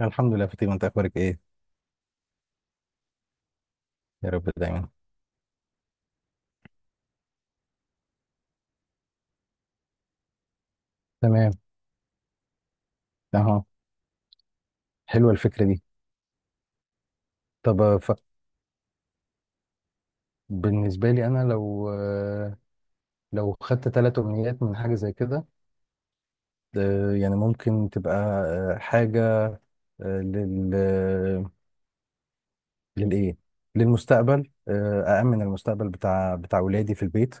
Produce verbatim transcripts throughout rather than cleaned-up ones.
الحمد لله فاطمة، انت اخبارك ايه؟ يا رب دايما. تمام. اهو. حلوه الفكره دي. طب آه، ف... بالنسبه لي انا، لو آه، لو خدت ثلاث امنيات من حاجه زي كده، آه، يعني ممكن تبقى آه، حاجة آه، لل آه، للايه للمستقبل. آه، أأمن المستقبل بتاع بتاع ولادي في البيت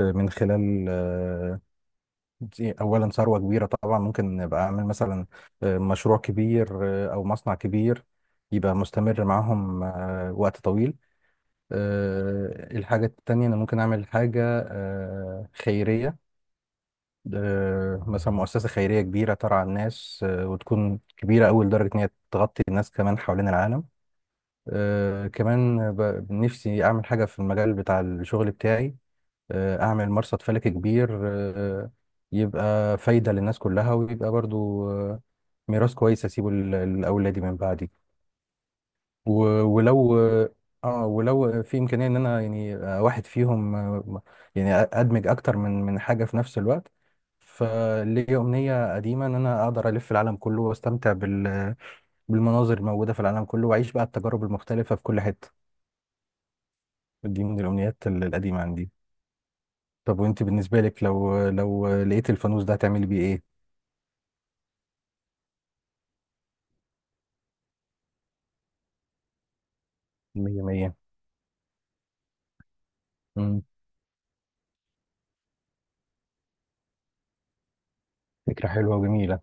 آه، من خلال آه، دي أولا ثروة كبيرة، طبعا ممكن أبقى أعمل مثلا آه، مشروع كبير، آه، أو مصنع كبير يبقى مستمر معاهم آه، وقت طويل. آه، الحاجة التانية أنا ممكن أعمل حاجة آه، خيرية، آه، مثلا مؤسسة خيرية كبيرة ترعى الناس، آه، وتكون كبيرة أوي لدرجة إن هي تغطي الناس كمان حوالين العالم. آه، كمان ب- نفسي أعمل حاجة في المجال بتاع الشغل بتاعي. آه، أعمل مرصد فلكي كبير آه، يبقى فايدة للناس كلها، ويبقى برضو آه، ميراث كويس أسيبه ل- لأولادي من بعدي. و- ولو... اه، ولو في امكانيه ان انا يعني آه، واحد فيهم، آه، يعني ادمج اكتر من من حاجه في نفس الوقت. فليا امنيه قديمه ان انا اقدر الف العالم كله، واستمتع بال بالمناظر الموجوده في العالم كله، واعيش بقى التجارب المختلفه في كل حته. دي من الامنيات ال- القديمه عندي. طب وانت بالنسبه لك، لو لو لقيت الفانوس ده هتعملي بيه ايه؟ مية مية. مم. فكره حلوه وجميله.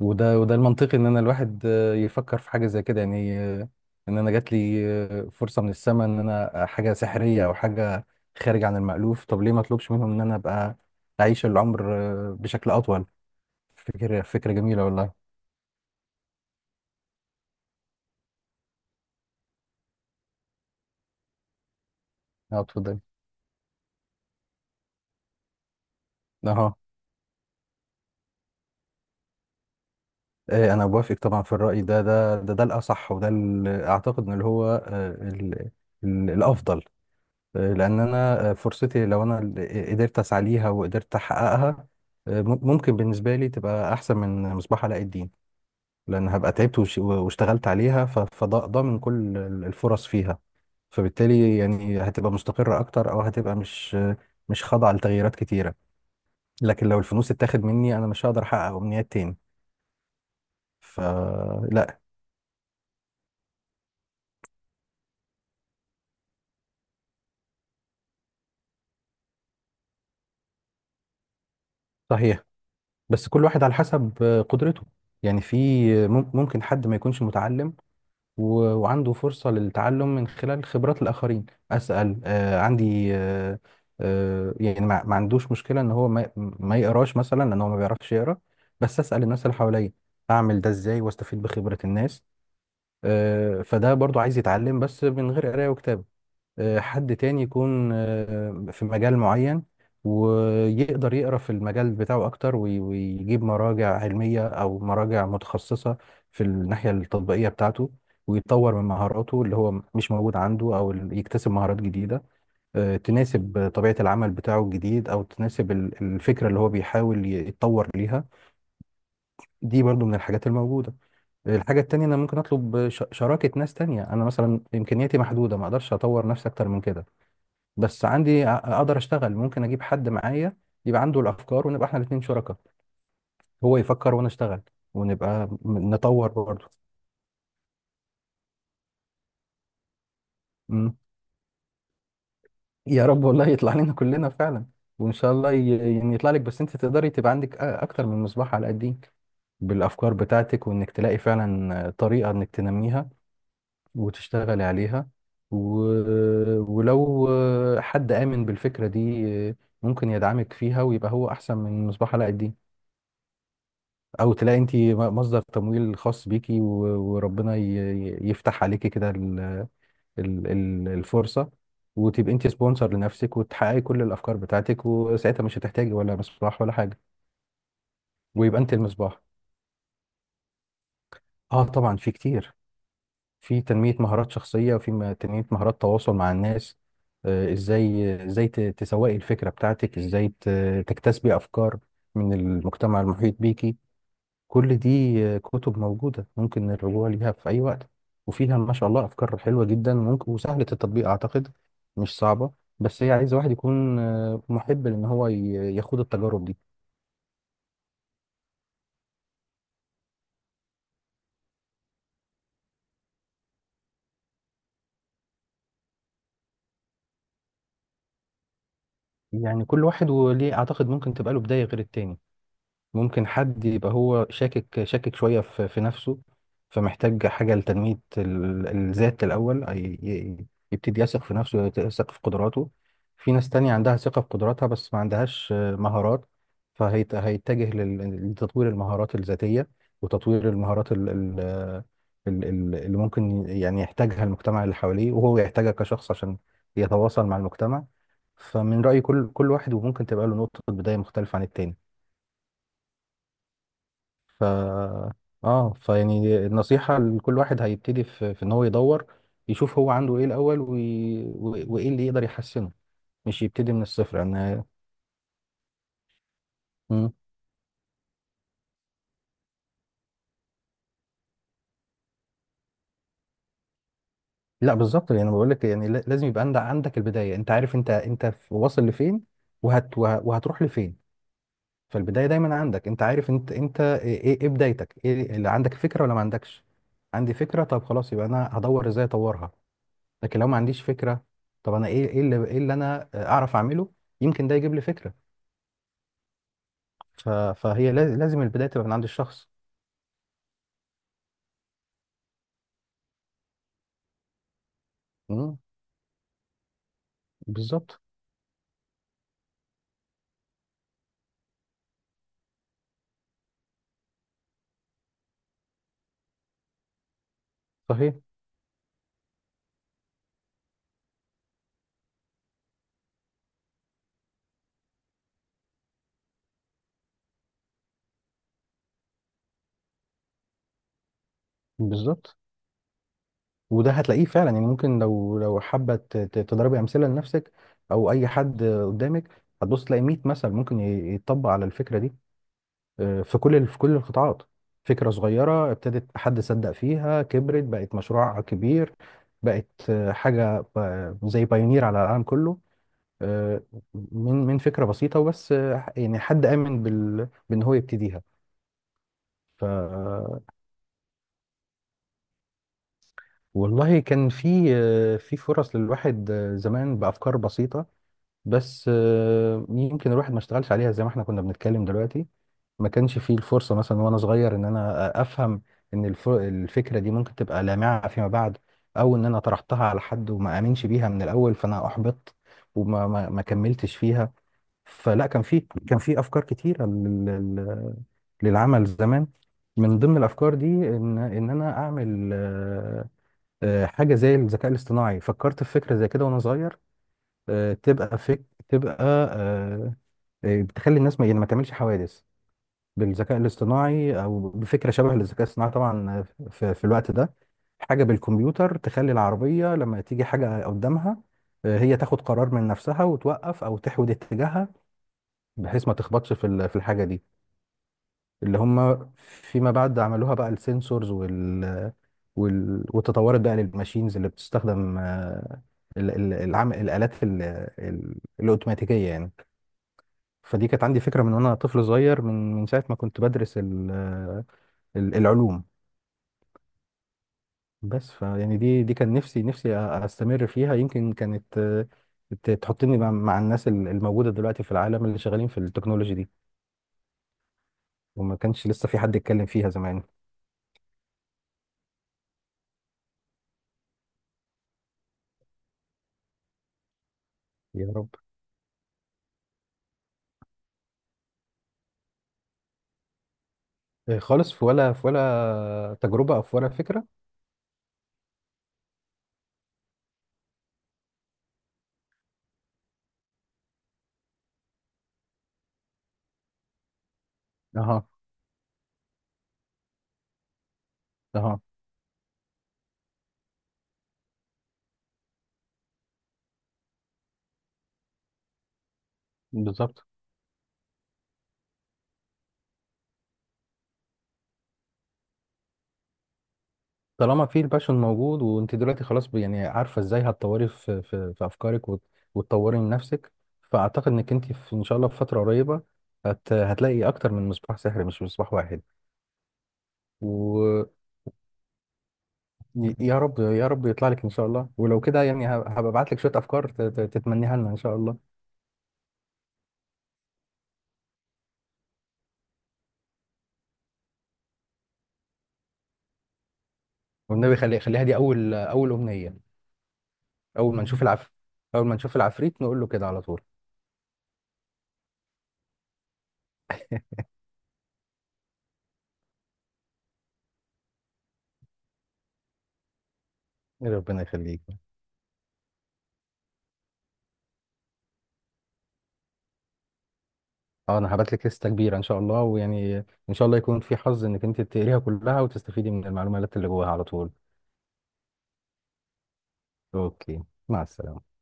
وده وده المنطقي ان انا الواحد آه، يفكر في حاجه زي كده، يعني آه، ان انا جات لي آه، فرصه من السماء، ان انا حاجه سحريه او حاجه خارج عن المألوف. طب ليه ما اطلبش منهم ان انا ابقى اعيش العمر آه، بشكل اطول. فكره فكره جميله والله. اه، اتفضل. اهو. آه، انا بوافق طبعا في الرأي ده ده ده ده الاصح. وده ال- اعتقد ان اللي هو آه، ال- ال- الافضل. آه، لان انا آه، فرصتي لو انا اللي قدرت اسعى ليها وقدرت احققها، ممكن بالنسبه لي تبقى احسن من مصباح علاء الدين. لان هبقى تعبت وش- واشتغلت عليها، ف- فضامن كل الفرص فيها. فبالتالي يعني هتبقى مستقره اكتر، او هتبقى مش مش خاضعه لتغييرات كتيره. لكن لو الفلوس اتاخد مني انا مش هقدر احقق امنيات تاني. فلا. صحيح. بس كل واحد على حسب آه، قدرته. يعني في... آه، مم- ممكن حد ما يكونش متعلم و- وعنده فرصة للتعلم من خلال خبرات الآخرين. أسأل. آه عندي آه آه يعني ما, ما عندوش مشكلة إن هو ما, ما يقراش مثلا، لأن هو ما بيعرفش يقرا. بس أسأل الناس اللي حواليا، أعمل ده إزاي وأستفيد بخبرة الناس. آه فده برضو عايز يتعلم بس من غير قراية وكتابة. آه، حد تاني يكون آه، في مجال معين ويقدر يقرا في المجال بتاعه اكتر، وي- ويجيب مراجع علميه او مراجع متخصصه في الناحيه التطبيقيه بتاعته، ويطور من مهاراته اللي هو مش موجود عنده، او ال- يكتسب مهارات جديده آه، تناسب طبيعه العمل بتاعه الجديد، او تناسب ال- الفكره اللي هو بيحاول يتطور ليها. دي برضو من الحاجات الموجوده. الحاجة التانية، أنا ممكن أطلب ش- شراكة ناس تانية. أنا مثلا إمكانياتي محدودة، ما أقدرش أطور نفسي أكتر من كده. بس عندي... ع- اقدر اشتغل، ممكن اجيب حد معايا يبقى عنده الافكار، ونبقى احنا الاثنين شركاء، هو يفكر وانا اشتغل، ونبقى م- نطور برضه. مم. يا رب. والله يطلع لنا كلنا فعلا، وان شاء الله ي- يعني يطلع لك، بس انت تقدري تبقى عندك أ- اكتر من مصباح على قديك بالافكار بتاعتك، وانك تلاقي فعلا طريقة انك تنميها وتشتغلي عليها. و... ولو حد آمن بالفكرة دي ممكن يدعمك فيها، ويبقى هو احسن من مصباح علاء الدين. او تلاقي انت مصدر تمويل خاص بيكي، و- وربنا ي- يفتح عليكي كده ال- ال- ال- الفرصة، وتبقي انت سبونسر لنفسك وتحققي كل الافكار بتاعتك، وساعتها مش هتحتاجي ولا مصباح ولا حاجة. ويبقى انت المصباح. اه، طبعا في كتير. في تنمية مهارات شخصية، وفي م- تنمية مهارات تواصل مع الناس. آه، ازاي ازاي ت- تسوقي الفكرة بتاعتك، ازاي ت- تكتسبي افكار من المجتمع المحيط بيكي. كل دي كتب موجودة ممكن الرجوع ليها في أي وقت، وفيها ما شاء الله أفكار حلوة جدا ممكن، وسهلة التطبيق أعتقد، مش صعبة. بس هي عايزة واحد يكون آه، محب لأن هو ي- يخوض التجارب دي. يعني كل واحد وليه، أعتقد ممكن تبقى له بداية غير التاني. ممكن حد يبقى هو شاكك شاكك شوية في في نفسه، فمحتاج حاجة لتنمية ال- الذات الأول، أي- ي- ي- يبتدي يثق في نفسه، يثق في قدراته. في ناس تانية عندها ثقة في قدراتها، بس ما عندهاش آه، مهارات، فهيتجه لتطوير المهارات الذاتية، وتطوير المهارات ال- ال- آه، ال- ال- اللي ممكن يعني يحتاجها المجتمع اللي حواليه، وهو يحتاجها كشخص عشان يتواصل مع المجتمع. فمن رأيي كل كل واحد وممكن تبقى له نقطة بداية مختلفة عن التاني. ف اه فيعني النصيحة لكل واحد هيبتدي، في, في ان هو يدور، يشوف هو عنده ايه الاول، وي... و- وايه اللي يقدر يحسنه، مش يبتدي من الصفر انا. مم. لا بالظبط، يعني بقول لك يعني لا- لازم يبقى عندك عندك البداية. انت عارف انت انت في- واصل لفين، وهت... وه- وهتروح لفين. فالبداية دايما عندك، انت عارف انت انت ايه ايه إيه بدايتك، ايه اللي عندك فكرة ولا ما عندكش. عندي فكرة، طب خلاص يبقى انا هدور ازاي اطورها. لكن لو ما عنديش فكرة، طب انا ايه ايه اللي ايه اللي انا اعرف اعمله. يمكن ده يجيب لي فكرة. ف... فهي لاز- لازم البداية تبقى من عند الشخص. مم. بالظبط. صحيح. بالظبط. وده هتلاقيه فعلا، يعني ممكن لو لو حابة ت- ت- تضربي أمثلة لنفسك او اي حد قدامك، هتبص تلاقي مية مثل ممكن ي- يتطبق على الفكرة دي آه، في كل ال- في كل القطاعات. فكرة صغيرة ابتدت، حد صدق فيها، كبرت، بقت مشروع كبير، بقت آه، حاجة آه، زي بايونير على العالم كله. آه، من من فكرة بسيطة وبس، آه، يعني حد آمن بال... بأن هو يبتديها. ف والله كان في... آه، في فرص للواحد آه، زمان بأفكار بسيطة، بس آه، يمكن الواحد ما اشتغلش عليها، زي ما احنا كنا بنتكلم دلوقتي. ما كانش فيه الفرصة مثلا وأنا صغير إن أنا أفهم إن الف... الفكرة دي ممكن تبقى لامعة فيما بعد، أو إن أنا طرحتها على حد وما آمنش بيها من الأول فأنا أحبطت وما ما ما كملتش فيها. فلا، كان في كان في افكار كتيره لل- لل- للعمل زمان. من ضمن الافكار دي ان ان انا اعمل آه، آه، حاجه زي الذكاء الاصطناعي. فكرت في فكره زي كده وانا صغير، آه، تبقى فك تبقى آه، آه، بتخلي الناس ما يعني ما تعملش حوادث، بالذكاء الاصطناعي او بفكره شبه للذكاء الاصطناعي طبعا آه، في, في الوقت ده، حاجه بالكمبيوتر تخلي العربيه لما تيجي حاجه قدامها آه، هي تاخد قرار من نفسها وتوقف او تحود اتجاهها، بحيث ما تخبطش في ال- في الحاجه دي. اللي هم فيما بعد عملوها بقى السنسورز وال وال وتطورت بقى للماشينز اللي بتستخدم آه، ال- ال- العم... الالات ال... ال... الاوتوماتيكيه يعني. فدي كانت عندي فكره من وانا طفل صغير، من من ساعه ما كنت بدرس ال... آه، ال- العلوم. بس فيعني دي دي كان نفسي نفسي استمر فيها، يمكن كانت آه، ت- تحطني مع مع الناس ال- الموجوده دلوقتي في العالم اللي شغالين في التكنولوجي دي. وما كانش لسه في حد يتكلم فيها زمان. يا رب. إيه خالص؟ في ولا في ولا تجربة أو في ولا فكرة؟ اها. اها. بالظبط. طالما في الباشون موجود، وأنت دلوقتي خلاص ب- يعني عارفة إزاي هتطوري في في, في أفكارك، وت- وتطوري من نفسك. فأعتقد إنك أنت في إن شاء الله في فترة قريبة هت هتلاقي أكتر من مصباح سحري، مش مصباح واحد. ويا رب، يا رب يطلع لك إن شاء الله. ولو كده، يعني ه- هبقى أبعت لك شوية أفكار ت- ت- تتمنيها لنا إن شاء الله. والنبي، خلي خليها دي أول أول أمنية. أول ما نشوف العفريت، أول ما نشوف العفريت نقول له كده على طول. ربنا يخليك. اه، انا هبعت لك لسته كبيره ان شاء الله، ويعني ان شاء الله يكون في حظ انك انت تقريها كلها وتستفيدي من المعلومات اللي جواها على طول. اوكي، مع السلامه.